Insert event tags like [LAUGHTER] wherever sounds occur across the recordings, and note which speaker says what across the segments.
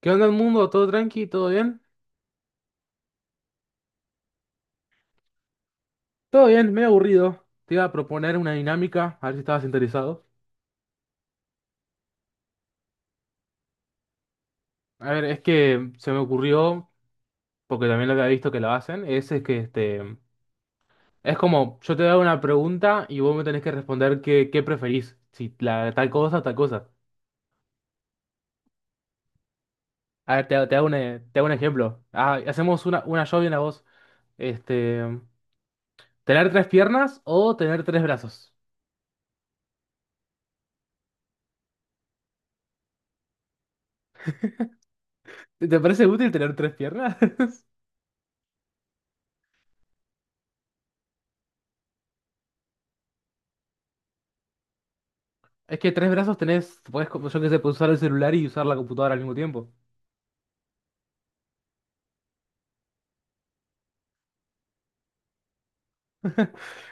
Speaker 1: ¿Qué onda el mundo? ¿Todo tranqui? ¿Todo bien? Todo bien, medio aburrido. Te iba a proponer una dinámica, a ver si estabas interesado. A ver, es que se me ocurrió, porque también lo había visto que lo hacen, es que es como yo te hago una pregunta y vos me tenés que responder qué preferís, si la, tal cosa o tal cosa. A ver, te hago un ejemplo. Ah, hacemos una yo y una vos. Este, ¿Tener tres piernas o tener tres brazos? ¿Te parece útil tener tres piernas? [LAUGHS] Es que tres brazos tenés, puedes, como yo que sé, puedes usar el celular y usar la computadora al mismo tiempo.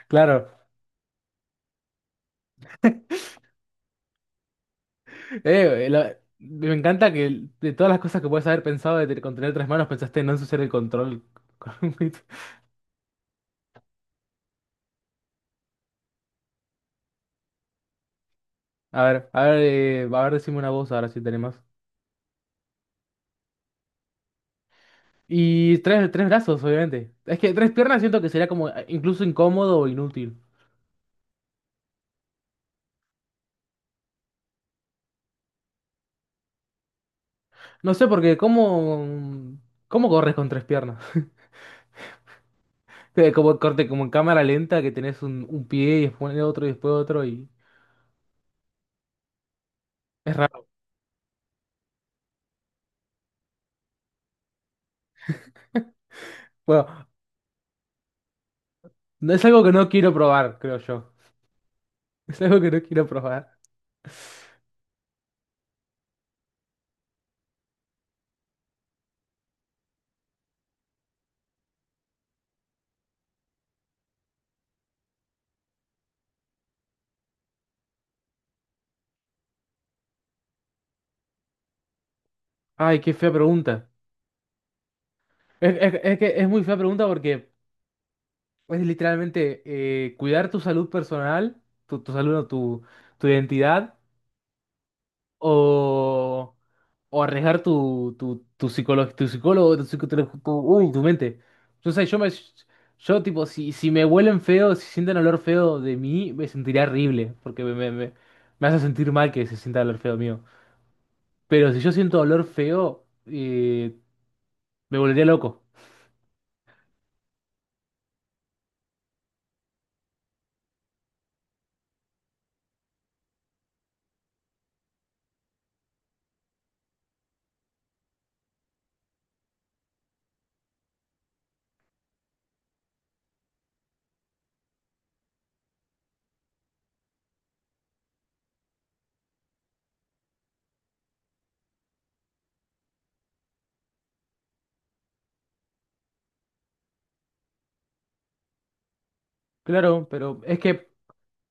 Speaker 1: Claro. [LAUGHS] Me encanta que de todas las cosas que puedes haber pensado con tener tres manos, pensaste en no ensuciar el control. [LAUGHS] Con un bit. A ver, a ver, a ver, decime una voz ahora si tenemos. Y tres brazos, obviamente. Es que tres piernas siento que sería como incluso incómodo o inútil. No sé, porque ¿cómo corres con tres piernas? [LAUGHS] Como corte, como en cámara lenta que tenés un pie y después otro y después otro, y es raro. Bueno, no es algo que no quiero probar, creo yo. Es algo que no quiero probar. Ay, qué fea pregunta. Es que es muy fea pregunta porque es literalmente cuidar tu salud personal, tu salud, no, tu identidad, o, o arriesgar tu psicólogo, tu psicólogo, tu, psico- tu- uy, tu mente. Yo sé, yo tipo, si me huelen feo, si sienten olor feo de mí, me sentiría horrible, porque me hace sentir mal que se sienta el olor feo mío. Pero si yo siento dolor feo, me volvería loco. Claro, pero es que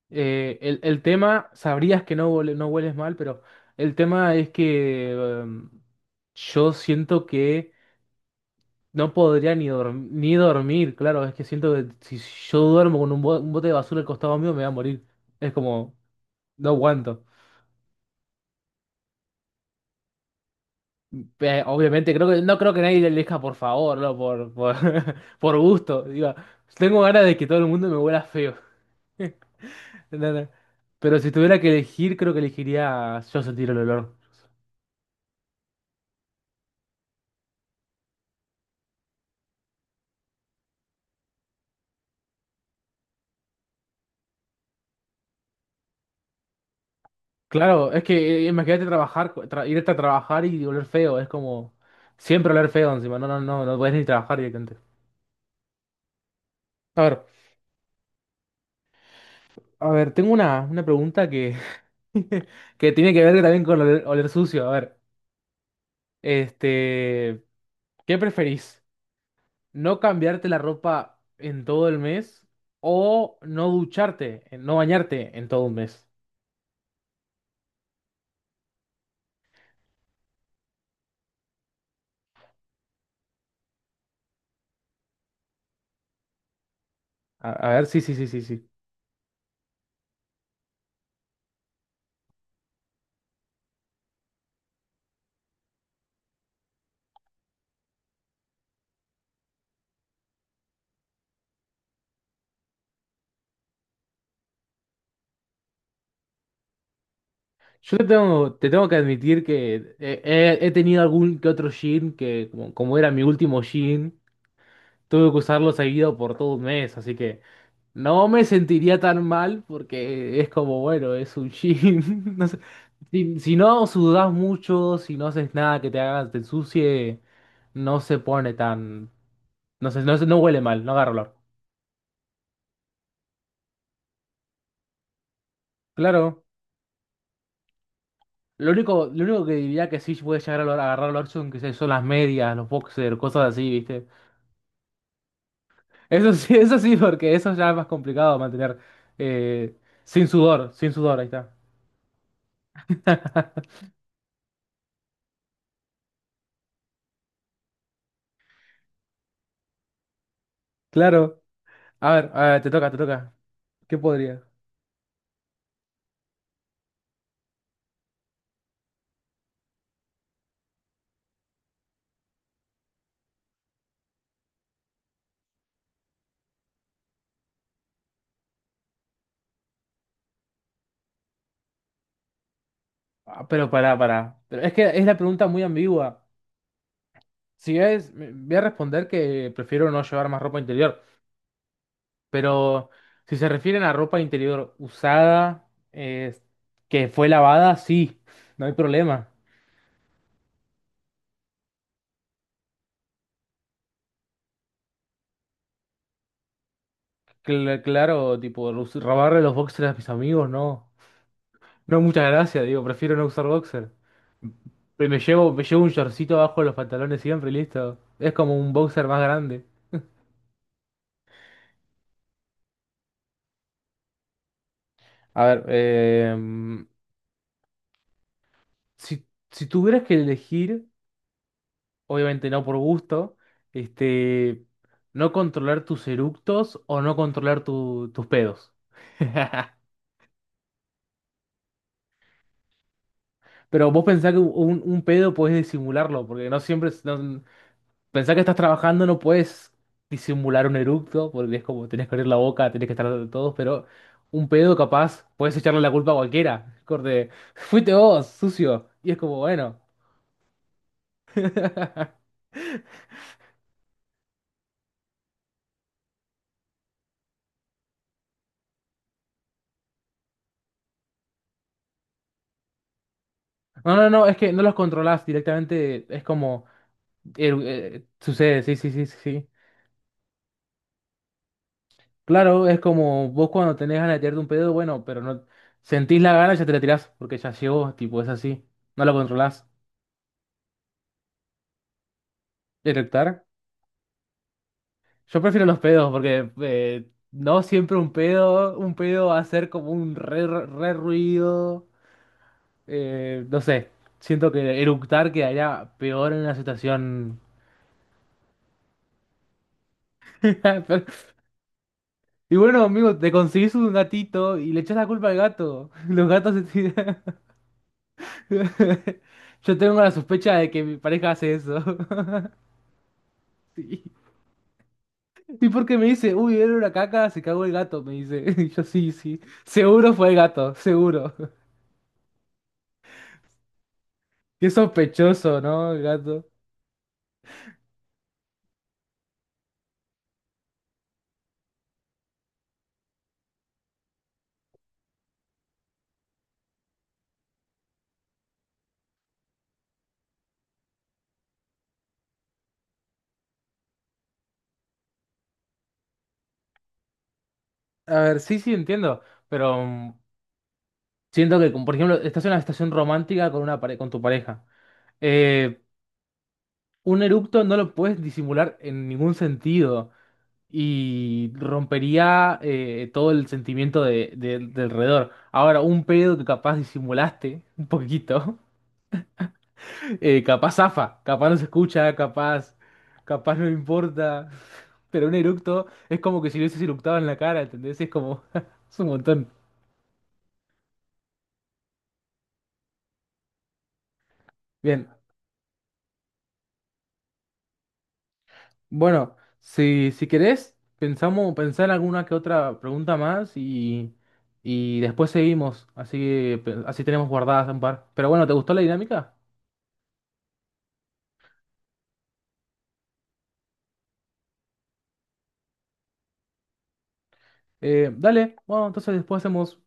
Speaker 1: el tema, sabrías que no, no hueles mal, pero el tema es que yo siento que no podría ni dormir. Claro, es que siento que si yo duermo con un bote de basura al costado mío, me voy a morir. Es como, no aguanto. Obviamente, no creo que nadie le elija por favor, no, [LAUGHS] por gusto. Digo, tengo ganas de que todo el mundo me huela feo. [LAUGHS] No, no. Pero si tuviera que elegir, creo que elegiría yo sentir el olor. Claro, es que imagínate trabajar, irte a trabajar y oler feo, es como siempre oler feo encima, no, no, no, no podés ni trabajar directamente. A ver, a ver, tengo una pregunta que, [LAUGHS] que tiene que ver también con oler, oler sucio. A ver, este, ¿qué preferís? ¿No cambiarte la ropa en todo el mes o no ducharte, no bañarte en todo un mes? A ver, sí, sí, sí, sí, sí. Te tengo que admitir que he tenido algún que otro jean que, como era mi último jean, tuve que usarlo seguido por todo un mes, así que no me sentiría tan mal porque es como, bueno, es un jean. [LAUGHS] No sé, si no sudás mucho, si no haces nada que te haga, te ensucie, no se pone tan, no sé, no, no huele mal, no agarra olor. Claro. Lo único que diría que sí puede llegar a a agarrar olor son las medias, los boxers, cosas así, ¿viste? Eso sí, [LAUGHS] eso sí, porque eso ya es más complicado mantener eh, sin sudor, ahí está. [LAUGHS] Claro. A ver, te toca, te toca. ¿Qué podría? Ah, pero pará. Pero es que es la pregunta muy ambigua. Si es, me- Voy a responder que prefiero no llevar más ropa interior. Pero si se refieren a ropa interior usada, que fue lavada, sí, no hay problema. Claro, tipo, robarle los boxers a mis amigos, no. No, muchas gracias, digo, prefiero no usar boxer. Pero me llevo un shortcito abajo de los pantalones siempre, y listo. Es como un boxer más grande. A ver, si, si tuvieras que elegir, obviamente no por gusto, este, no controlar tus eructos o no controlar tus pedos. [LAUGHS] Pero vos pensás que un pedo podés disimularlo, porque no siempre, pensá que estás trabajando, no puedes disimular un eructo, porque es como tenés que abrir la boca, tenés que estar de todos, pero un pedo capaz, puedes echarle la culpa a cualquiera. Corte, fuiste vos, sucio. Y es como, bueno. [LAUGHS] No, no, no, es que no los controlás directamente, es como, sucede, sí, sí, sí, sí, sí. Claro, es como vos cuando tenés ganas de tirarte un pedo, bueno, pero no sentís la gana, ya te la tirás, porque ya llegó, tipo, es así. No lo controlás. ¿Erectar? Yo prefiero los pedos porque no siempre un pedo va a ser como un re ruido. No sé, siento que eructar quedaría peor en una situación. [LAUGHS] Pero- y bueno, amigo, te conseguís un gatito y le echás la culpa al gato. [LAUGHS] Los gatos se tiran. [LAUGHS] Yo tengo la sospecha de que mi pareja hace eso. [LAUGHS] Sí. Y porque me dice, uy, era una caca, se cagó el gato, me dice. [LAUGHS] Y yo sí, sí. Seguro fue el gato, seguro. Qué sospechoso, ¿no, gato? A ver, sí, sí, entiendo, pero siento que, como, por ejemplo, estás en una estación romántica con, con tu pareja. Eh, un eructo no lo puedes disimular en ningún sentido y rompería todo el sentimiento de, de alrededor. Ahora, un pedo que capaz disimulaste un poquito, [LAUGHS] capaz zafa, capaz no se escucha, capaz no importa, pero un eructo es como que si lo hubieses eructado en la cara, ¿entendés? Es como, [LAUGHS] es un montón. Bien, bueno, si querés, pensar en alguna que otra pregunta más y después seguimos, así que así tenemos guardadas un par. Pero bueno, ¿te gustó la dinámica? Dale, bueno, entonces después hacemos